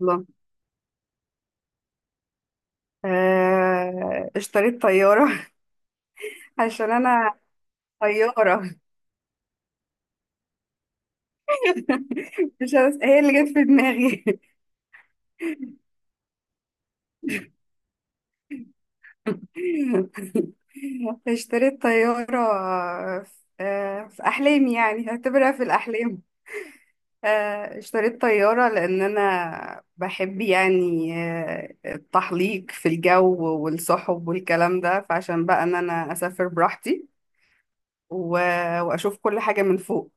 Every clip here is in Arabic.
الله. اشتريت طيارة. عشان أنا طيارة. مش عارف- هي اللي جت في دماغي. اشتريت طيارة في في أحلامي، يعني هعتبرها في الأحلام. اشتريت طيارة لأن أنا بحب يعني التحليق في الجو والسحب والكلام ده، فعشان بقى إن أنا أسافر براحتي و- وأشوف كل حاجة من فوق.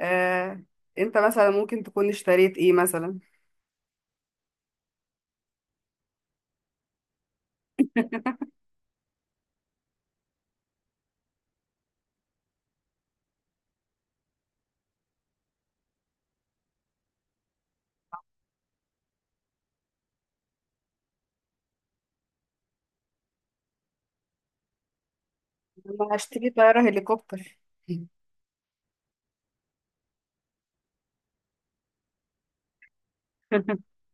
آه، أنت مثلا ممكن تكون اشتريت إيه مثلا؟ لما هشتري طيارة هليكوبتر.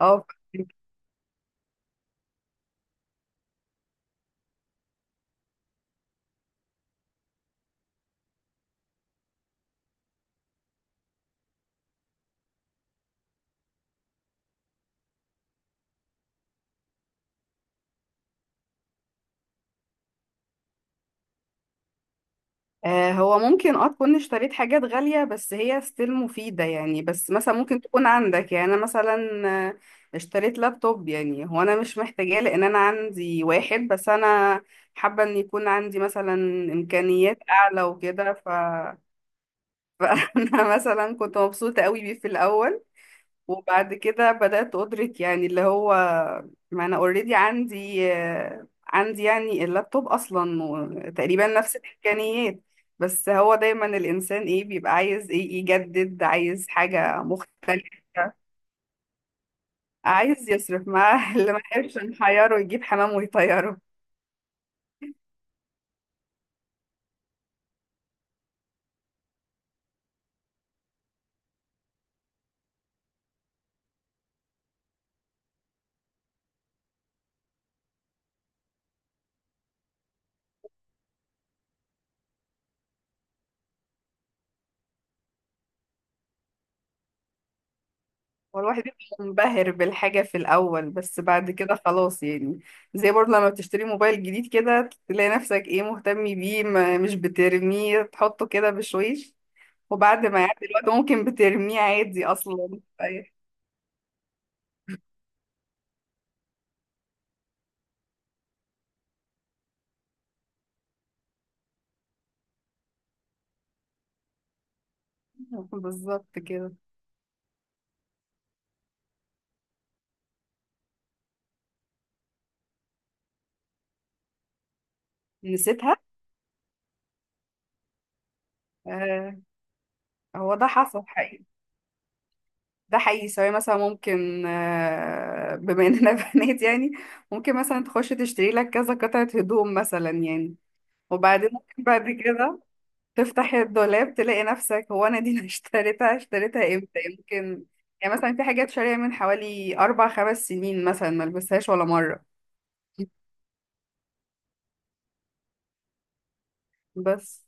اه. هو ممكن تكون اشتريت حاجات غالية، بس هي ستيل مفيدة يعني. بس مثلا ممكن تكون عندك، يعني انا مثلا آه، اشتريت لابتوب، يعني هو انا مش محتاجاه، لان انا عندي واحد، بس انا حابة ان يكون عندي مثلا امكانيات اعلى وكده. فانا مثلا كنت مبسوطة قوي بيه في الاول، وبعد كده بدأت أدرك يعني اللي هو ما أنا اوريدي عندي يعني اللابتوب أصلا تقريبا نفس الإمكانيات. بس هو دايما الإنسان إيه بيبقى عايز إيه، يجدد، عايز حاجة مختلفة، عايز يصرف مع. اللي ما يحبش نحيره يجيب حمام ويطيره. هو الواحد بيبقى منبهر بالحاجة في الأول، بس بعد كده خلاص يعني. زي برضه لما بتشتري موبايل جديد كده، تلاقي نفسك ايه، مهتم بيه، ما مش بترميه، تحطه كده بشويش. وبعد ما يعدي الوقت ممكن بترميه عادي اصلا. بالظبط كده. نسيتها. آه هو ده حصل حقيقي. ده حقيقي، سواء مثلا ممكن بما اننا بنات يعني. ممكن مثلا تخش تشتري لك كذا قطعة هدوم مثلا يعني. وبعدين ممكن بعد كده تفتح الدولاب، تلاقي نفسك: هو انا دي اللي اشتريتها؟ اشتريتها امتى يمكن؟ يعني مثلا في حاجات شارية من حوالي اربع خمس سنين، مثلا ملبسهاش ولا مرة. بس.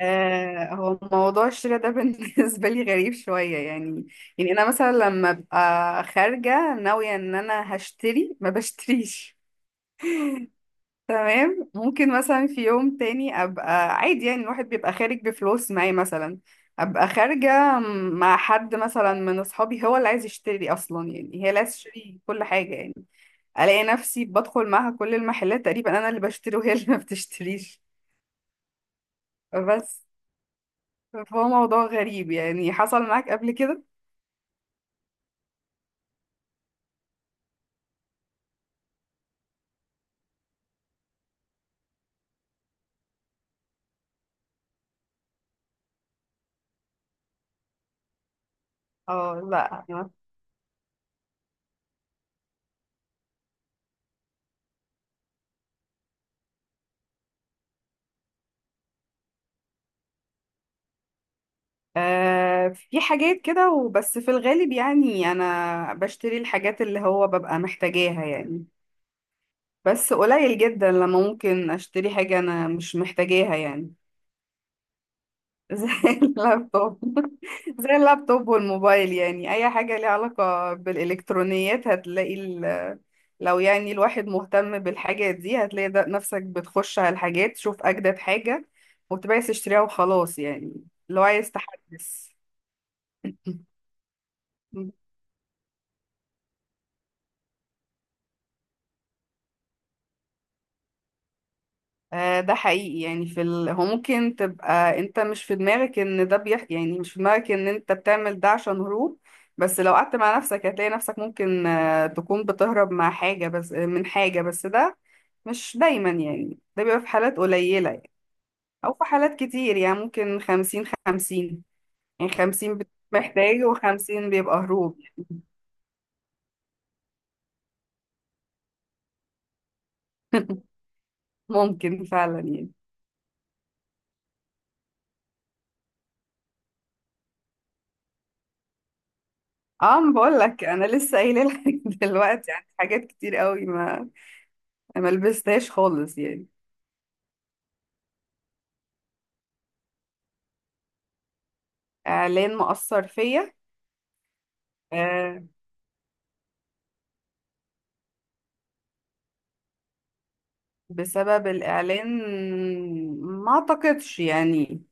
هو موضوع الشراء ده بالنسبة لي غريب شوية يعني. يعني أنا مثلا لما ببقى خارجة ناوية إن أنا هشتري ما بشتريش. تمام. ممكن مثلا في يوم تاني أبقى عادي، يعني الواحد بيبقى خارج بفلوس معي مثلا، أبقى خارجة مع حد مثلا من أصحابي هو اللي عايز يشتري أصلا، يعني هي اللي عايز تشتري كل حاجة يعني. ألاقي نفسي بدخل معاها كل المحلات، تقريبا أنا اللي بشتري وهي اللي ما بتشتريش. بس فهو موضوع غريب يعني. حصل معاك قبل كده؟ اه لا. في حاجات كده وبس في الغالب، يعني انا بشتري الحاجات اللي هو ببقى محتاجاها يعني. بس قليل جدا لما ممكن اشتري حاجة انا مش محتاجاها يعني. زي اللابتوب. زي اللابتوب والموبايل، يعني اي حاجة ليها علاقة بالالكترونيات هتلاقي لو يعني الواحد مهتم بالحاجات دي هتلاقي ده نفسك بتخش على الحاجات تشوف اجدد حاجة، وتبقى عايز تشتريها وخلاص يعني. لو عايز تحدث. ده حقيقي يعني هو ممكن تبقى انت مش في دماغك ان يعني مش في دماغك ان انت بتعمل ده عشان هروب. بس لو قعدت مع نفسك هتلاقي نفسك ممكن تكون بتهرب مع حاجة بس آه، من حاجة بس. ده مش دايما يعني، ده بيبقى في حالات قليلة يعني. او في حالات كتير يعني، ممكن خمسين خمسين، يعني خمسين محتاج وخمسين بيبقى هروب. ممكن فعلا يعني. اه، ما بقول لك انا لسه قايله لك. دلوقتي يعني حاجات كتير قوي ما لبستهاش خالص يعني. اعلان مأثر فيا؟ آه، بسبب الاعلان. ما اعتقدش يعني.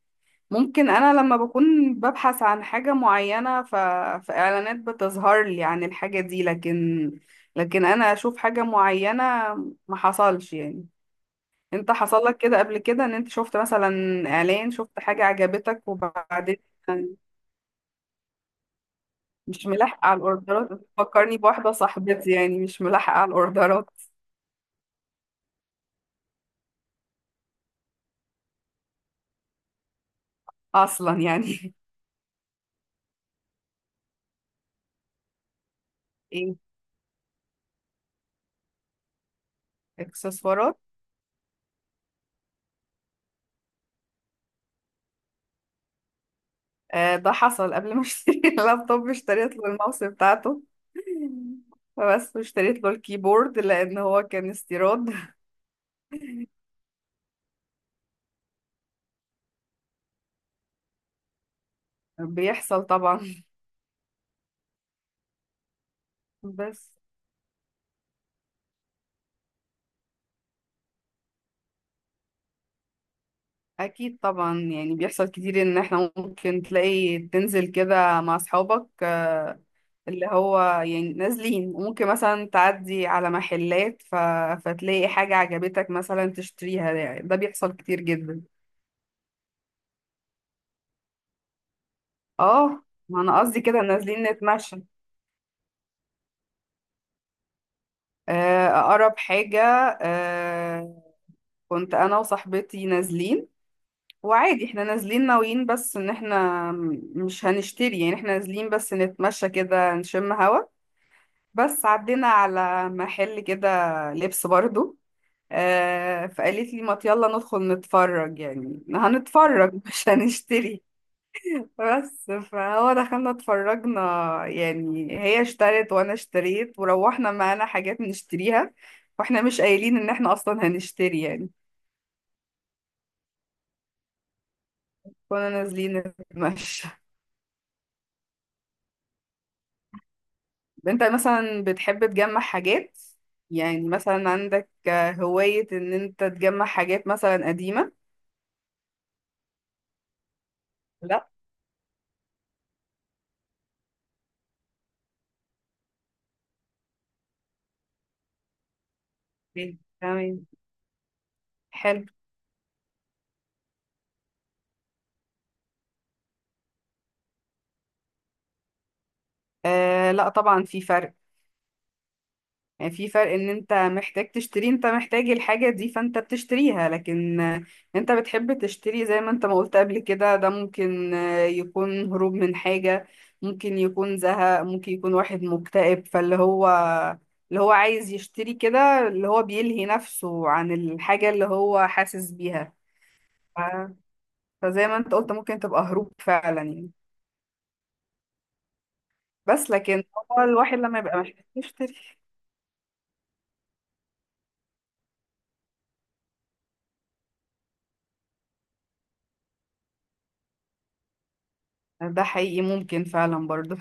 ممكن انا لما بكون ببحث عن حاجة معينة فاعلانات بتظهر لي عن الحاجة دي، لكن انا اشوف حاجة معينة. ما حصلش يعني. انت حصل لك كده قبل كده، ان انت شفت مثلا اعلان، شفت حاجة عجبتك وبعدين؟ مش ملاحقة على الاوردرات فكرني بواحدة صاحبتي، يعني مش ملاحقة على الاوردرات اصلا يعني. ايه؟ اكسسوارات؟ آه، ده حصل قبل ما اشتري اللابتوب، اشتريت له الماوس بتاعته. فبس اشتريت له الكيبورد لان هو كان استيراد. بيحصل طبعا. بس. اكيد طبعا، يعني بيحصل كتير ان احنا ممكن تلاقي تنزل كده مع اصحابك، اللي هو يعني نازلين وممكن مثلا تعدي على محلات فتلاقي حاجة عجبتك مثلا تشتريها. ده بيحصل كتير جدا. اه، ما انا قصدي كده نازلين نتمشى. اقرب حاجة. آه، كنت انا وصاحبتي نازلين، وعادي احنا نازلين ناويين بس ان احنا مش هنشتري، يعني احنا نازلين بس نتمشى كده نشم هوا. بس عدينا على محل كده لبس برضو، فقالت لي: ما يلا ندخل نتفرج، يعني هنتفرج مش هنشتري. بس فهو دخلنا اتفرجنا، يعني هي اشترت وانا اشتريت وروحنا معانا حاجات نشتريها، واحنا مش قايلين ان احنا اصلا هنشتري يعني. كنا نازلين نتمشى. انت مثلا بتحب تجمع حاجات؟ يعني مثلا عندك هواية ان انت تجمع حاجات مثلا قديمة؟ لا. تمام. حلو. آه لا، طبعا في فرق. يعني في فرق ان انت محتاج تشتري، انت محتاج الحاجة دي فانت بتشتريها، لكن انت بتحب تشتري. زي ما انت ما قلت قبل كده، ده ممكن يكون هروب من حاجة، ممكن يكون زهق، ممكن يكون واحد مكتئب، فاللي هو عايز يشتري كده، اللي هو بيلهي نفسه عن الحاجة اللي هو حاسس بيها. ف- فزي ما انت قلت ممكن تبقى هروب فعلا يعني. بس لكن هو الواحد لما يبقى محتاج يشتري. ده حقيقي ممكن فعلا برضه.